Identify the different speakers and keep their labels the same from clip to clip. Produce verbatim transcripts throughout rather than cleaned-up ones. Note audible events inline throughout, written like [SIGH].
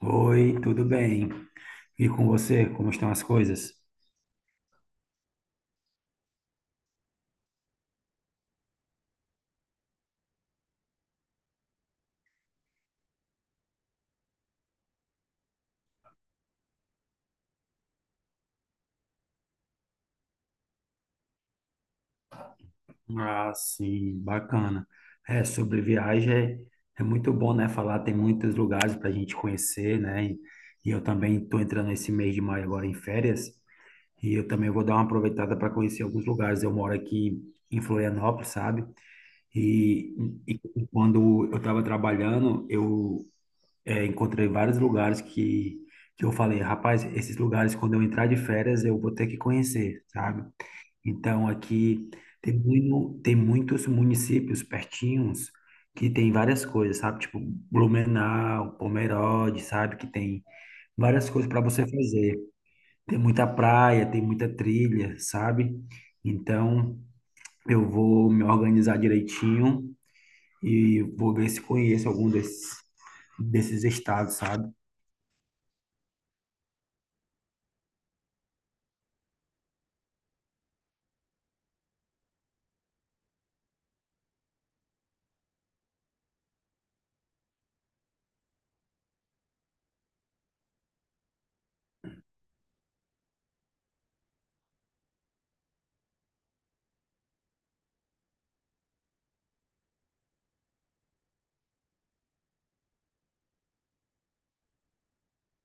Speaker 1: Oi, tudo bem? E com você, como estão as coisas? Ah, sim, bacana. É, sobre viagem é, é muito bom, né? Falar, tem muitos lugares para a gente conhecer, né? E, e eu também estou entrando esse mês de maio agora em férias e eu também vou dar uma aproveitada para conhecer alguns lugares. Eu moro aqui em Florianópolis, sabe? E, e quando eu estava trabalhando, eu É, encontrei vários lugares que, que eu falei, rapaz, esses lugares, quando eu entrar de férias, eu vou ter que conhecer, sabe? Então, aqui tem, muito, tem muitos municípios pertinhos que tem várias coisas, sabe? Tipo Blumenau, Pomerode, sabe? Que tem várias coisas para você fazer. Tem muita praia, tem muita trilha, sabe? Então, eu vou me organizar direitinho e vou ver se conheço algum desses, desses estados, sabe?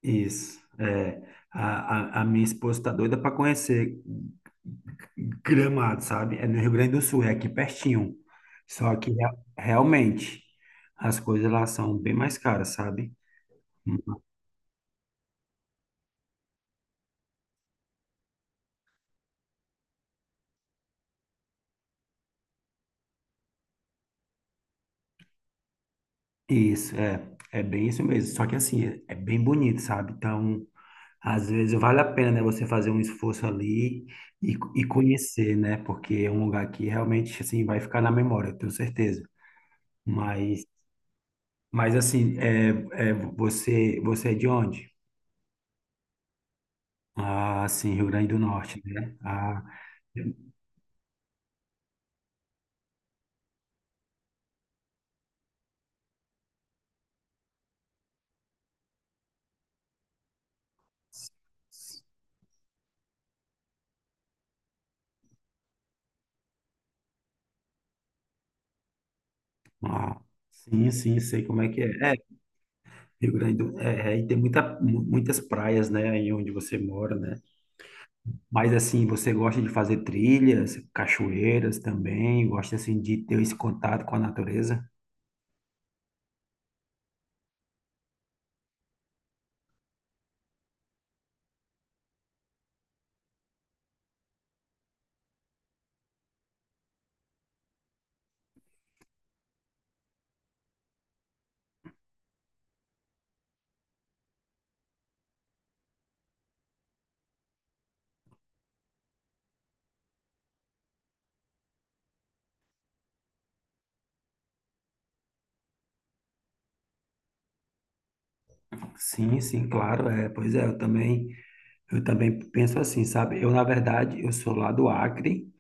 Speaker 1: Isso. É, a, a, a minha esposa tá doida para conhecer Gramado, sabe? É no Rio Grande do Sul, é aqui pertinho. Só que rea- realmente as coisas lá são bem mais caras, sabe? Isso, é, é bem isso mesmo. Só que assim, é é bem bonito, sabe? Então, às vezes vale a pena, né, você fazer um esforço ali e, e conhecer, né? Porque é um lugar que realmente assim vai ficar na memória, eu tenho certeza. Mas, mas assim, é, é, você, você é de onde? Ah, sim, Rio Grande do Norte, né? Ah, eu- ah, sim, sim, sei como é que é. É, Rio Grande do, é, é, e tem muita, mu- muitas praias, né, aí onde você mora, né? Mas assim, você gosta de fazer trilhas, cachoeiras também, gosta assim de ter esse contato com a natureza? Sim, sim, claro, é. Pois é, eu também, eu também penso assim, sabe? Eu, na verdade, eu sou lá do Acre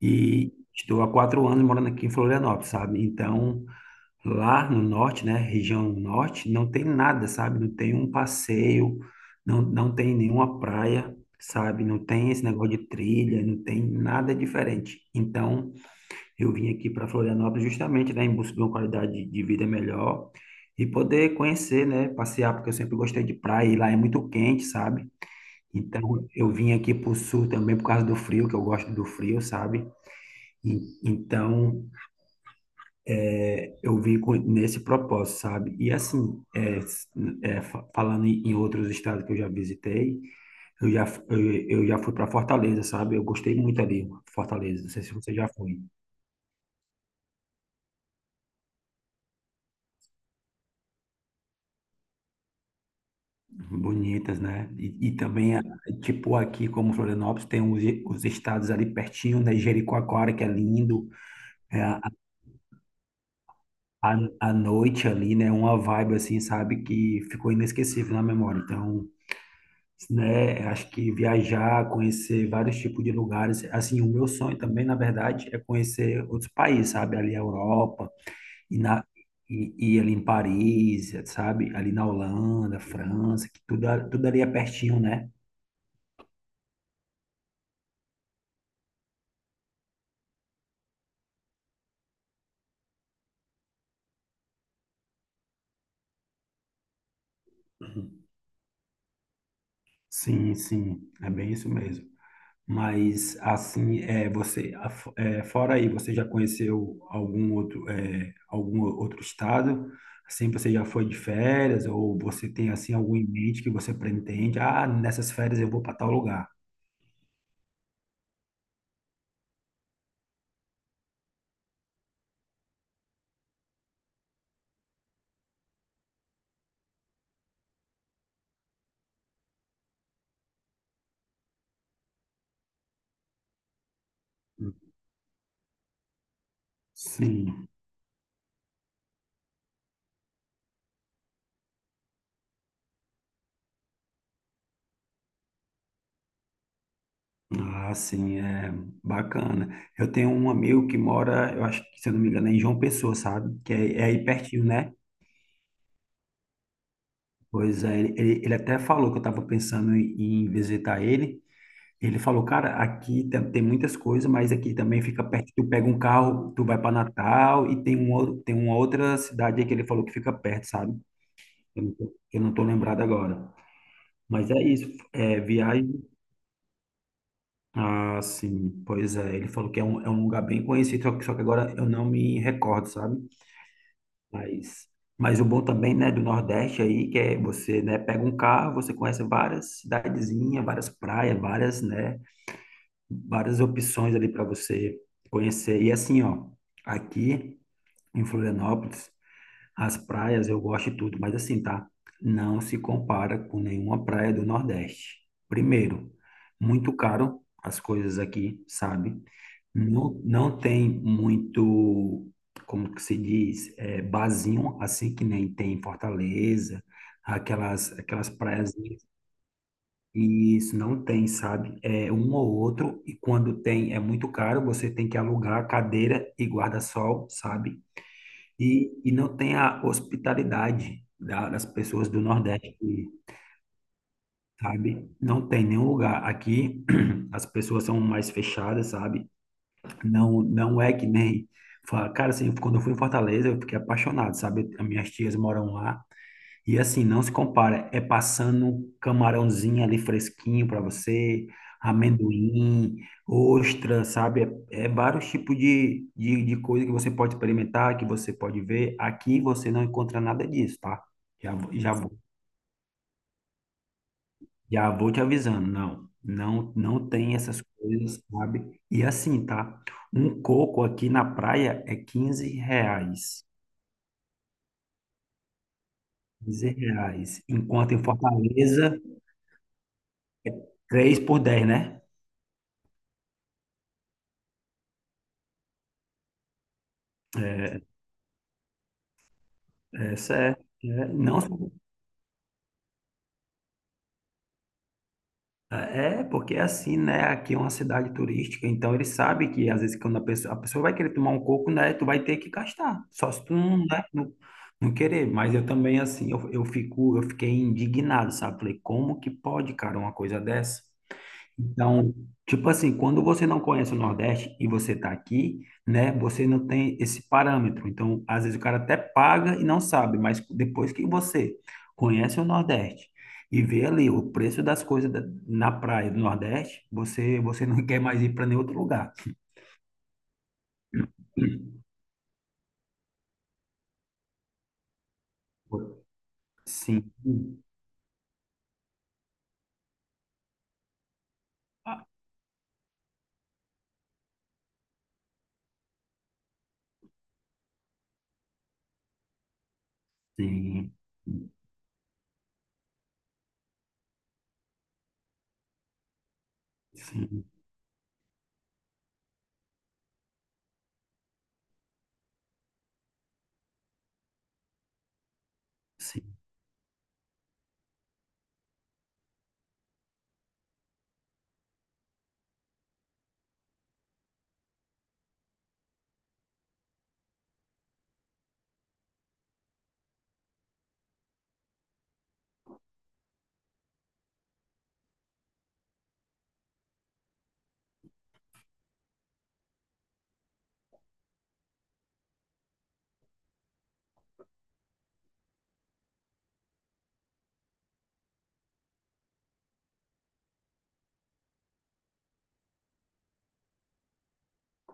Speaker 1: e estou há quatro anos morando aqui em Florianópolis, sabe? Então, lá no norte, né, região norte, não tem nada, sabe? Não tem um passeio, não, não tem nenhuma praia, sabe? Não tem esse negócio de trilha, não tem nada diferente. Então, eu vim aqui para Florianópolis justamente, né, em busca de uma qualidade de vida melhor e poder conhecer, né, passear, porque eu sempre gostei de praia e lá é muito quente, sabe? Então, eu vim aqui para o sul também por causa do frio, que eu gosto do frio, sabe? E- Então, eu vim com- nesse propósito, sabe? E assim, é, s- é, fa- falando em em outros estados que eu já visitei, eu já, f- eu, eu já fui para Fortaleza, sabe? Eu gostei muito ali, Fortaleza. Não sei se você já foi. Bonitas, né? E, e também, a- tipo, aqui como Florianópolis, tem os, os estados ali pertinho, né? Jericoacoara, que é lindo. É, a, a a noite ali, né? Uma vibe assim, sabe? Que ficou inesquecível na memória. Então, né? Acho que viajar, conhecer vários tipos de lugares. Assim, o meu sonho também, na verdade, é conhecer outros países, sabe? Ali a Europa e na e, e ali em Paris, sabe? Ali na Holanda, França, que tudo, a- tudo ali é pertinho, né? Sim, sim, é bem isso mesmo. Mas assim, é, você, a- é, fora aí, você já conheceu algum outro, é, algum outro estado? Assim, você já foi de férias ou você tem assim algum em mente que você pretende? Ah, nessas férias eu vou para tal lugar. Sim. Ah, sim, é bacana. Eu tenho um amigo que mora, eu acho que, se eu não me engano, é em João Pessoa, sabe? Que é, é aí pertinho, né? Pois é, ele, ele ele até falou que eu estava pensando em, em visitar ele. Ele falou, cara, aqui tem, tem muitas coisas, mas aqui também fica perto. Tu pega um carro, tu vai para Natal e tem, um, outro- tem uma outra cidade aí que ele falou que fica perto, sabe? Eu não tô, eu não tô lembrado agora. Mas é isso, é, viagem. Ah, sim, pois é. Ele falou que é um, é um lugar bem conhecido, só que, só que agora eu não me recordo, sabe? Mas, mas o bom também, né, do Nordeste aí, que é você, né, pega um carro, você conhece várias cidadezinhas, várias praias, várias, né, várias opções ali para você conhecer. E assim, ó, aqui em Florianópolis, as praias eu gosto de tudo, mas assim, tá? Não se compara com nenhuma praia do Nordeste. Primeiro, muito caro as coisas aqui, sabe? Não, não tem muito, como que se diz, é, barzinho, assim que nem tem em Fortaleza, aquelas, aquelas praias, e isso não tem, sabe? É um ou outro, e quando tem é muito caro, você tem que alugar cadeira e guarda-sol, sabe? E, e não tem a hospitalidade da- das pessoas do Nordeste, sabe? Não tem nenhum lugar. Aqui [CLEARS THROAT] as pessoas são mais fechadas, sabe? Não, não é que nem. fa- Cara, assim, quando eu fui em Fortaleza, eu fiquei apaixonado, sabe? As minhas tias moram lá. E assim, não se compara. É passando um camarãozinho ali fresquinho para você, amendoim, ostra, sabe? É, é vários tipos de, de, de coisa que você pode experimentar, que você pode ver. Aqui você não encontra nada disso, tá? Já, já já vou te avisando, não, não, não tem essas coisas, sabe? E assim, tá? Um coco aqui na praia é quinze reais, quinze reais, enquanto em Fortaleza, três por dez né? É, Essa é, é não só Ah, É, porque é assim, né? Aqui é uma cidade turística, então ele sabe que às vezes quando a pessoa, a pessoa vai querer tomar um coco, né? Tu vai ter que gastar, só se tu não, né, não, não querer. Mas eu também, assim, eu, eu fico, eu fiquei indignado, sabe? Falei, como que pode, cara, uma coisa dessa? Então, tipo assim, quando você não conhece o Nordeste e você está aqui, né, você não tem esse parâmetro. Então, às vezes o cara até paga e não sabe, mas depois que você conhece o Nordeste e vê ali o preço das coisas da- na praia do Nordeste, você você não [LAUGHS] quer mais ir para nenhum outro lugar. Sim. Ah, sim, sim,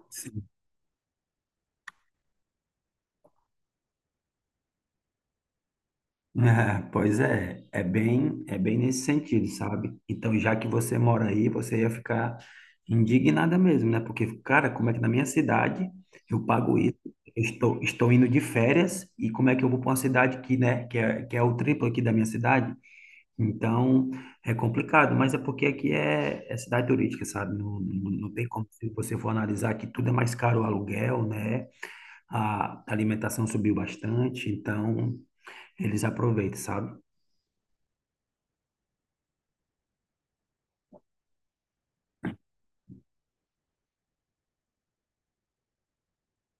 Speaker 1: sim. [LAUGHS] É, pois é, é bem, é bem nesse sentido, sabe? Então, já que você mora aí, você ia ficar indignada mesmo, né? Porque, cara, como é que na minha cidade eu pago isso? Eu Estou, estou indo de férias e como é que eu vou para uma cidade que, né, que é, que é o triplo aqui da minha cidade? Então, é complicado, mas é porque aqui é, é cidade turística, sabe? Não, não, não tem como, se você for analisar que tudo é mais caro o aluguel, né? A alimentação subiu bastante, então eles aproveitam, sabe?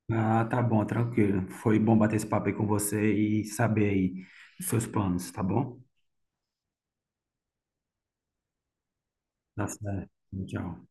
Speaker 1: Ah, tá bom, tranquilo. Foi bom bater esse papo aí com você e saber aí os seus planos, tá bom? Tá certo. Tchau.